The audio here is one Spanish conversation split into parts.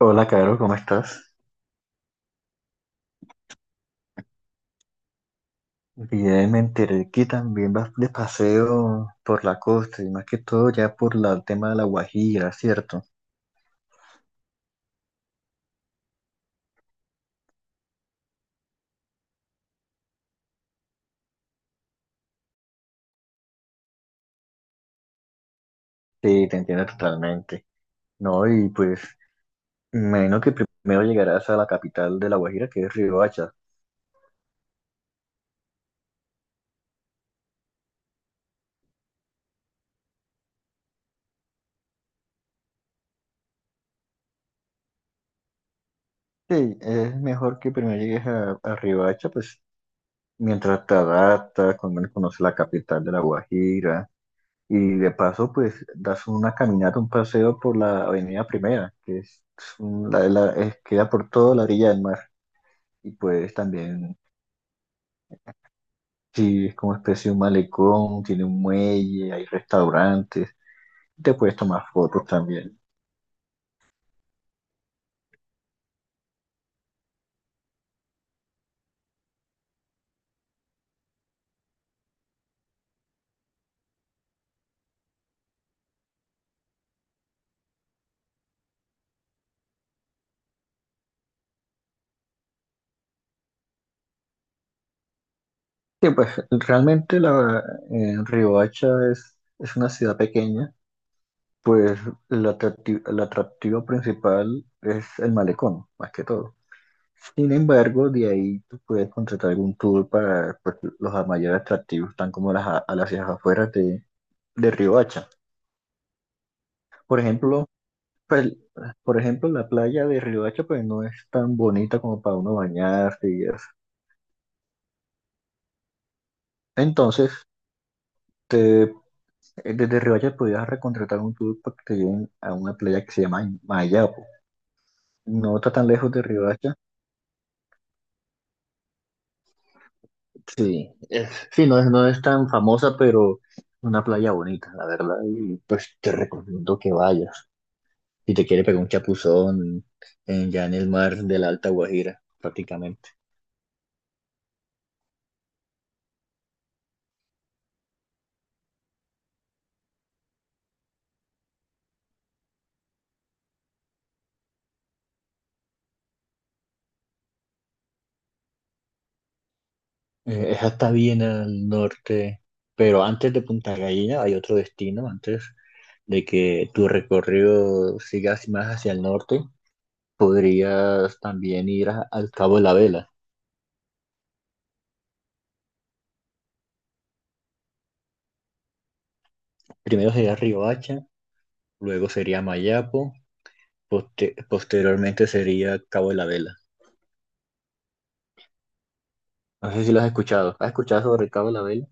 Hola, Caro, ¿cómo estás? Bien, me enteré que también vas de paseo por la costa y más que todo ya el tema de la Guajira, ¿cierto? Sí, te entiendo totalmente. No, y pues, menos que primero llegarás a la capital de la Guajira, que es Riohacha. Sí, es mejor que primero llegues a Riohacha, pues, mientras te adaptas, con menos conoces la capital de la Guajira. Y de paso, pues das una caminata, un paseo por la Avenida Primera, que es, queda por toda la orilla del mar. Y pues también, sí, es como especie de un malecón, tiene un muelle, hay restaurantes, te puedes tomar fotos también. Y pues realmente Riohacha es una ciudad pequeña, pues el atractivo principal es el malecón, más que todo. Sin embargo, de ahí tú puedes contratar algún tour para pues, los mayores atractivos, están como a las afueras de Riohacha. Por ejemplo, pues, por ejemplo, la playa de Riohacha pues, no es tan bonita como para uno bañarse y eso. Entonces, te- desde Riohacha podrías recontratar un tour para que te lleven a una playa que se llama Mayapo. No está tan lejos de Riohacha. Sí, sí, no es tan famosa, pero una playa bonita, la verdad, y pues te recomiendo que vayas. Y te quiere pegar un chapuzón en, ya en el mar de la Alta Guajira, prácticamente. Esa está bien al norte, pero antes de Punta Gallina hay otro destino, antes de que tu recorrido siga más hacia el norte, podrías también ir al Cabo de la Vela. Primero sería Riohacha, luego sería Mayapo, posteriormente sería Cabo de la Vela. No sé si lo has escuchado. ¿Has escuchado sobre el Cabo de la Vela?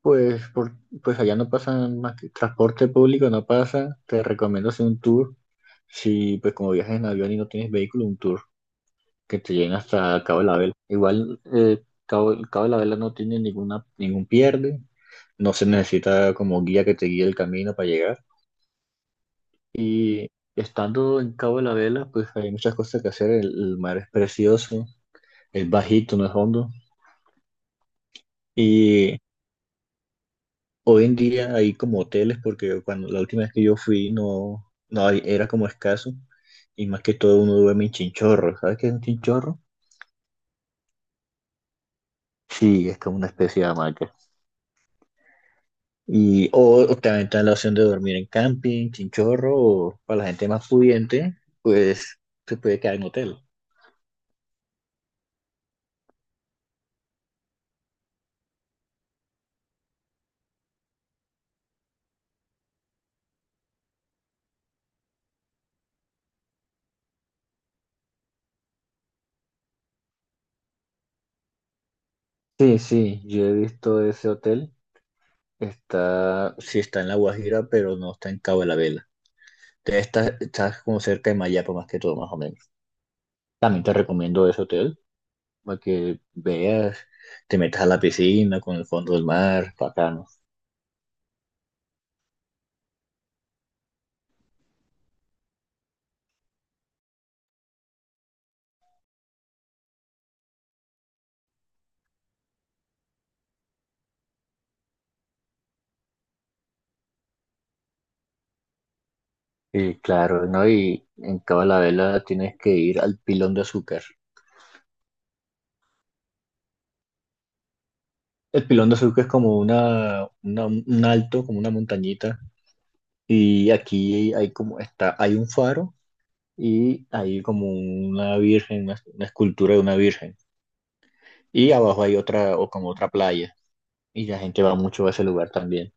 Pues, por, pues allá no pasa más que transporte público, no pasa. Te recomiendo hacer un tour. Si, pues, como viajas en avión y no tienes vehículo, un tour que te lleguen hasta Cabo de la Vela. Igual, Cabo de la Vela no tiene ningún pierde. No se necesita como guía que te guíe el camino para llegar. Y estando en Cabo de la Vela, pues hay muchas cosas que hacer. El mar es precioso, es bajito, no es hondo. Y hoy en día hay como hoteles porque cuando la última vez que yo fui no, no hay- era como escaso y más que todo uno duerme en chinchorro. ¿Sabes qué es un chinchorro? Sí, es como una especie de hamaca. Y o también está la opción de dormir en camping, chinchorro o para la gente más pudiente, pues se puede quedar en hotel. Sí, sí, yo he visto ese hotel. Está, sí está en La Guajira, pero no está en Cabo de la Vela. Entonces, está, está como cerca de Mayapa más que todo, más o menos. También te recomiendo ese hotel, para que veas, te metas a la piscina con el fondo del mar, bacano. Y claro, ¿no? Y en Cabo la Vela tienes que ir al Pilón de Azúcar. El Pilón de Azúcar es como un alto, como una montañita, y aquí hay un faro y hay como una virgen, una escultura de una virgen. Y abajo hay otra, o como otra playa, y la gente va mucho a ese lugar también.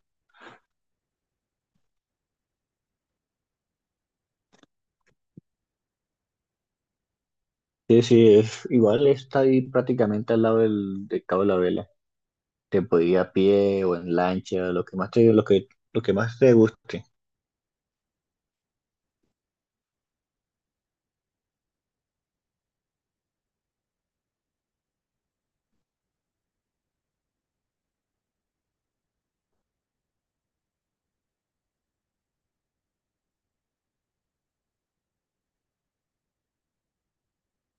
Sí, sí, igual está ahí prácticamente al lado de Cabo la Vela. Te podía ir a pie o en lancha, lo que más te guste.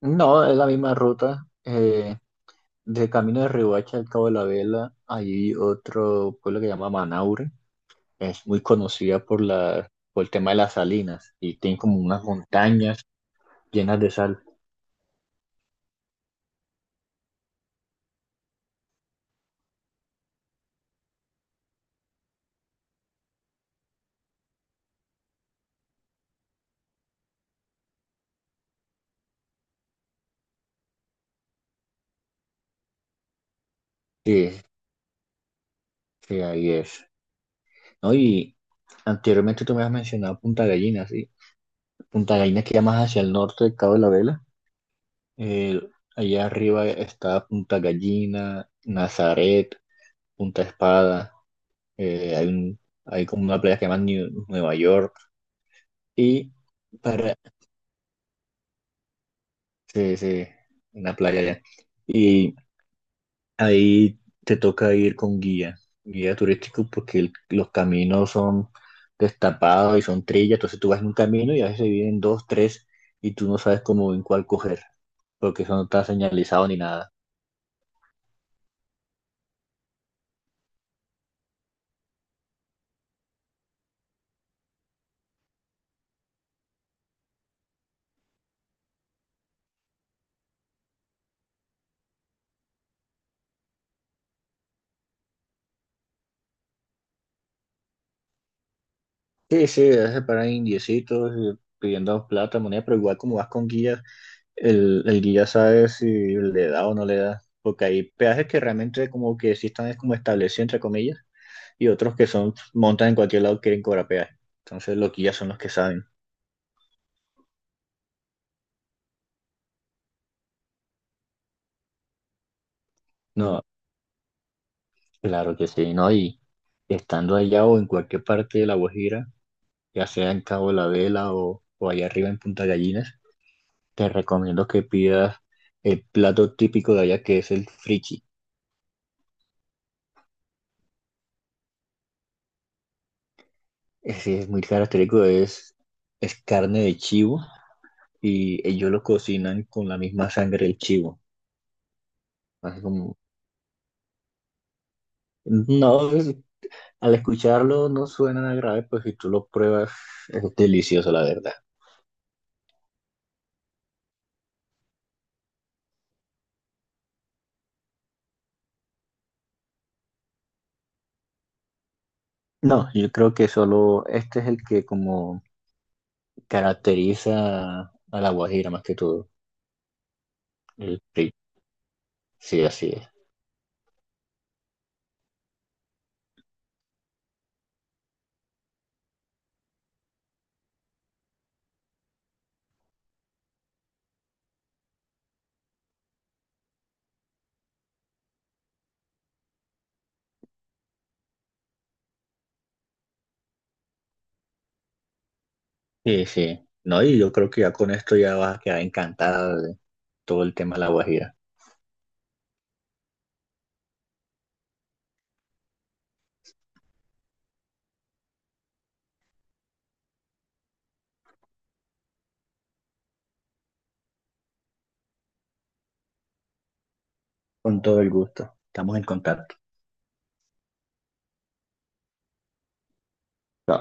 No, es la misma ruta. De camino de Riohacha al Cabo de la Vela hay otro pueblo que se llama Manaure. Es muy conocida por el tema de las salinas y tiene como unas montañas llenas de sal. Sí, sí, ahí es. ¿No? Y anteriormente tú me has mencionado Punta Gallina, ¿sí? Punta Gallina queda más hacia el norte del Cabo de la Vela. Eh, Allá arriba está Punta Gallina, Nazaret, Punta Espada, eh, hay, un- hay como una playa que se llama Nueva York. Y para, sí, sí, una playa allá. Y ahí te toca ir con guía, guía turístico porque los caminos son destapados y son trillas, entonces tú vas en un camino y a veces se vienen dos, tres y tú no sabes cómo en cuál coger porque eso no está señalizado ni nada. Sí, sí, a veces paran indiecitos pidiendo plata, moneda, pero igual como vas con guía. El guía sabe si le da o no le da, porque hay peajes que realmente como que sí están es como establecidos entre comillas y otros que son montan en cualquier lado quieren cobrar peaje. Entonces los guías son los que saben. No, claro que sí, ¿no? Y estando allá o en cualquier parte de La Guajira, ya sea en Cabo de La Vela o allá arriba en Punta Gallinas, te recomiendo que pidas el plato típico de allá que es el frichi. Ese es muy característico, es carne de chivo y ellos lo cocinan con la misma sangre del chivo. Así como, no, es- Al escucharlo no suena nada grave, pues si tú lo pruebas es delicioso, la verdad. No, yo creo que solo este es el que como caracteriza a la guajira más que todo. El pri- Sí, así es. Sí, sí. No, y yo creo que ya con esto ya vas a quedar encantada de todo el tema de la guajira. Con todo el gusto. Estamos en contacto. Chao.